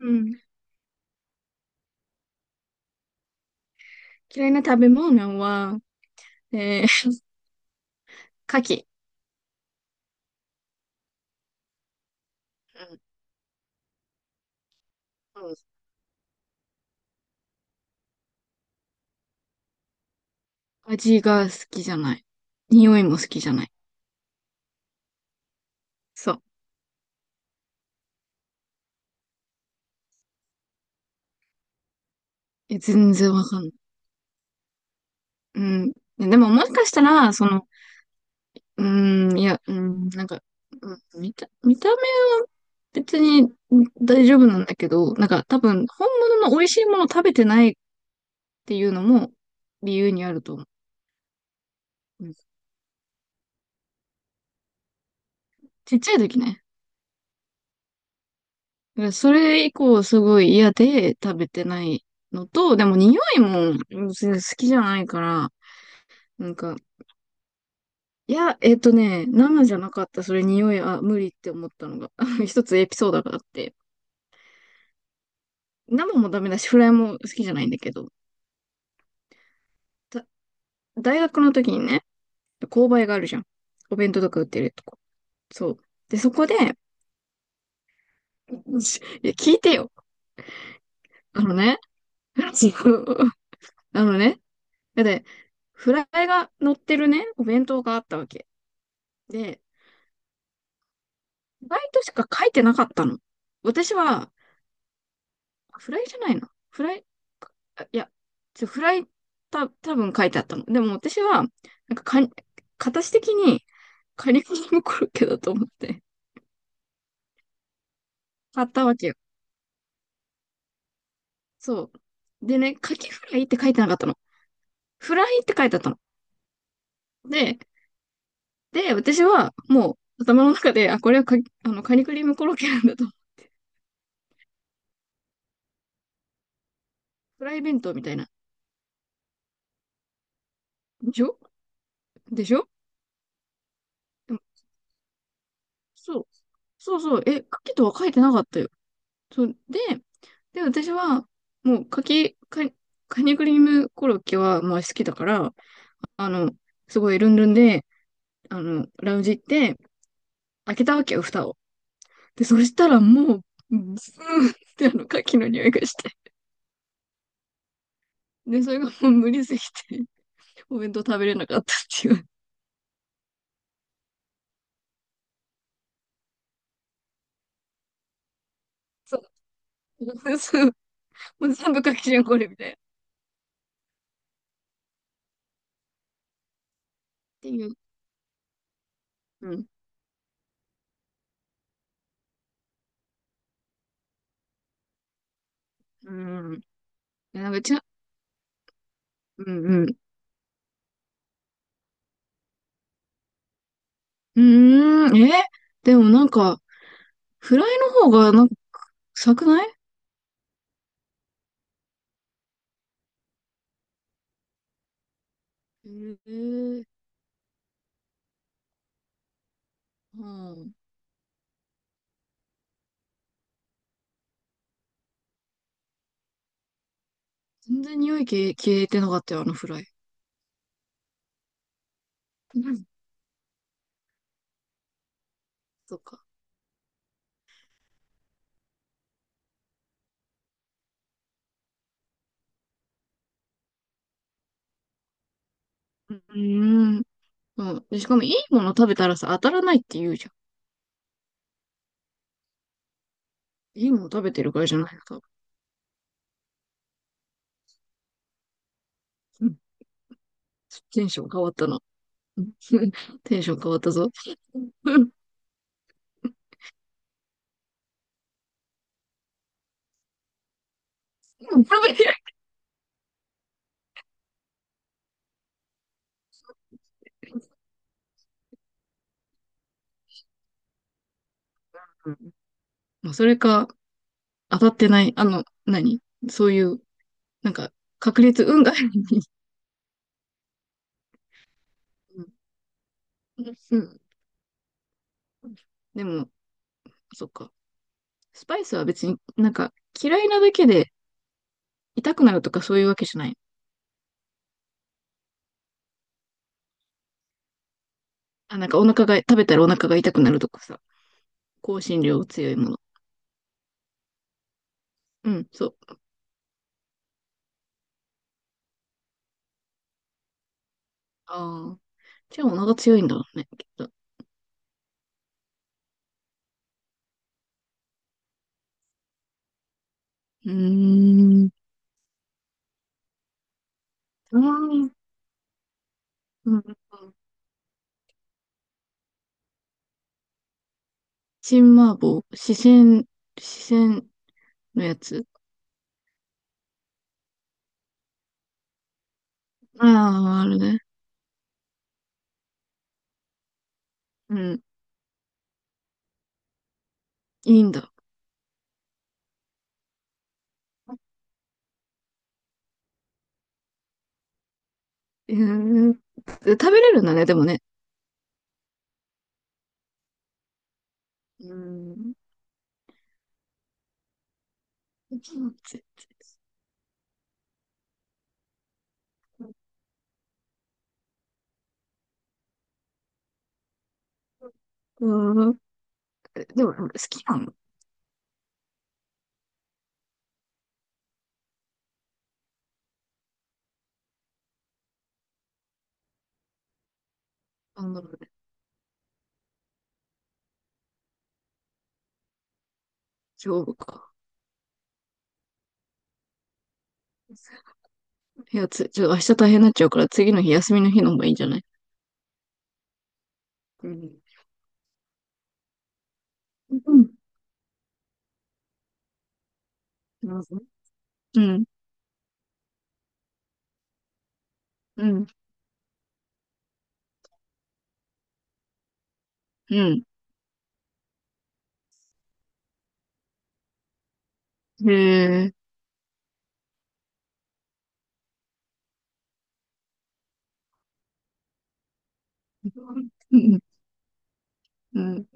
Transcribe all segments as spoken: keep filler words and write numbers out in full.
うん。嫌いな食べ物は、えー、牡蠣。うん、うん。味が好きじゃない。匂いも好きじゃない。そう。いや、全然わかんない。うん。でももしかしたら、その、うん、いや、うん、なんか、うん、見た、見た目は別にうん大丈夫なんだけど、なんか多分、本物の美味しいものを食べてないっていうのも理由にあると思う。うん、ちっちゃい時ね。だからそれ以降すごい嫌で食べてないのと、でも匂いも別に好きじゃないから、なんか、いや、えっとね、生じゃなかった、それ匂い、あ、無理って思ったのが、一つエピソードがあって、生もダメだし、フライも好きじゃないんだけど、だ大学の時にね、購買があるじゃん。お弁当とか売ってるとこ。そう。で、そこで、しいや、聞いてよ。あのね、あのね、だって、フライが乗ってるね、お弁当があったわけ。で、フライトしか書いてなかったの。私は、フライじゃないな。フライ、あいや、ちょ、フライ、た、多分書いてあったの。でも私は、なんかか、形的に、カリフォルニアコロッケだと思って、買ったわけよ。そう。でね、カキフライって書いてなかったの。フライって書いてあったの。で、で、私は、もう、頭の中で、あ、これはか、あの、カニクリームコロッケなんだと。フライ弁当みたいな。でしょ？でしょ？でも、そう。そうそう。え、カキとは書いてなかったよ。そう。で、で、私は、もう、かき、か、カニクリームコロッケは、まあ、好きだから、あの、すごいルンルンで、あの、ラウンジ行って、開けたわけよ、蓋を。で、そしたらもう、ズーンってあの、カキの匂いがして。で、それがもう無理すぎて、お弁当食べれなかったっていう。そう。そう。もう全部カキじゃん、これ、みたいな。っていう。うん。うん。でなんか、ちゃ、うんうん。うーん、えでもなんか、フライの方が、なんか、臭くない？へえー、うん。全然匂い消え、消えてなかったよ、あのフライ。うん。そっか。うーん。うん。で、しかもいいもの食べたらさ、当たらないって言うじゃん。いいもの食べてるからじゃないの、多分。うん。テンション変わったな。うん テンション変わったぞ。うん。うんうん、まあ、それか、当たってない、あの、何そういう、なんか、確率、運が。うん。うん、でも、そっか。スパイスは別になんか、嫌いなだけで痛くなるとかそういうわけじゃない？あ、なんかお腹が、食べたらお腹が痛くなるとかさ。香辛料強いもの。うん、そう。ああ。じゃあお腹強いんだろうね、きっと。うーん。うーん。うん。新麻婆、四川、四川のやつ。ああ、あるね。うん。いいんだ。うーん。食べれるんだね、でもね。うーん。全然。うーん。でも、好きなの？なんだろうね。丈夫か。いや、つ、ちょ、明日大変になっちゃうから、次の日休みの日の方がいいんじゃない？うん。うん。なるほど。うん。うん。うん。へえ。うん。うん。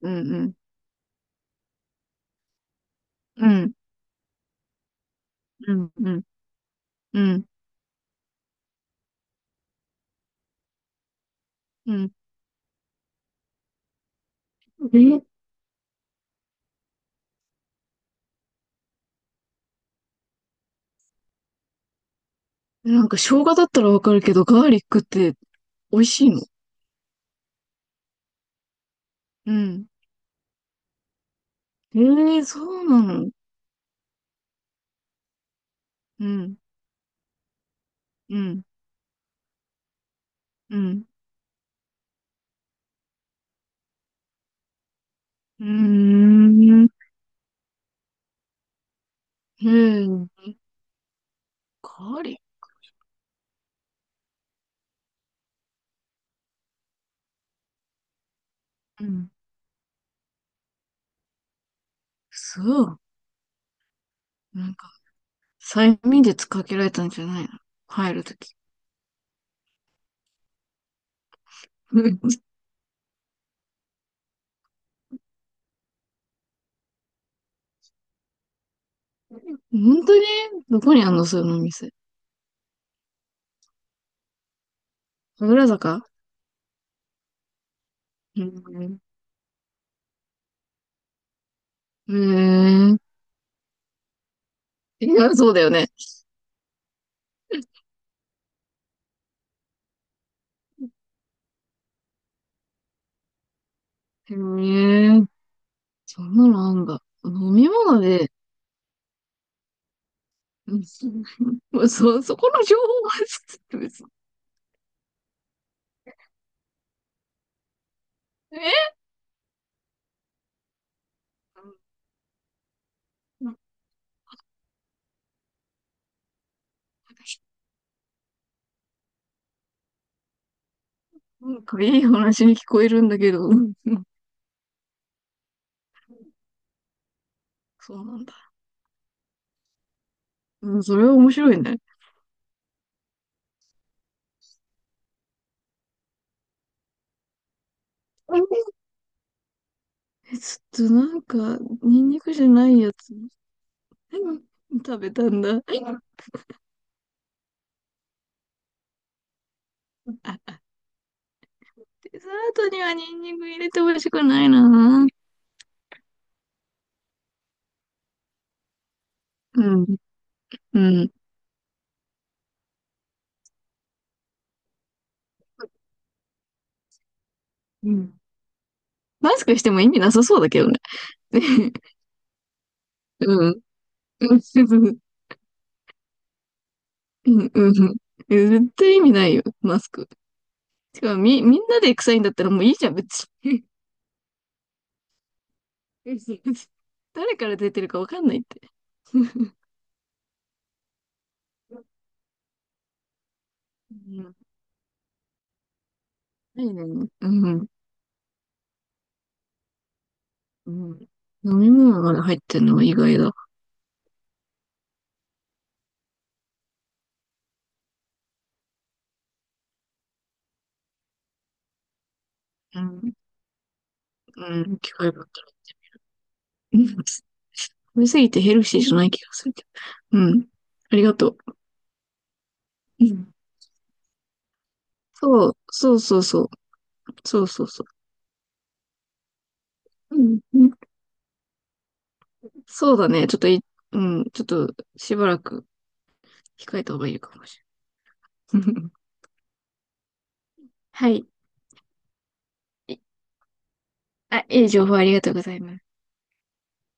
うん。うん。うん。うん。うん。うんうん、え、なんか生姜だったらわかるけど、ガーリックって美味しいの？うん。ええ、そうなの？うん。うん。うん。うーん。へえ。ガーリック。うん。そう。なんか、催眠術かけられたんじゃないの？入るとき。うん。本当に？どこにあんの、その店。神楽坂。うん。へえ。いや、そうだよね。へえ。そんなのあんだ。飲み物で、うん そ、そこの情報は、別に。え、なんかなんかいい話に聞こえるんだけど、うん。そうなんだ。うん、それは面白いね。え、ちょっとなんか、ニンニクじゃないやつ、うん、食べたんだ。デザートにはニンニク入れてほしくないな。うん、うん。うん。マスクしても意味なさそうだけどね。うん。うん。うん。うん。絶対意味ないよ、マスク。しかもみ、みんなで臭いんだったらもういいじゃん、別に。誰から出てるかわかんないって。うん。ないね。うん。うん。飲み物まで入ってんのは意外だ。うん。うん。機械だったら。うん、食べ過ぎてヘルシーじゃない気がするけど。うん。ありがとう。うん。そう、そうそうそう。そうそうそう。うん。うん。そうだね。ちょっとい、うん、ちょっとしばらく控えた方がいいかもしれない。はい。いあ、いい情報ありがとうございます。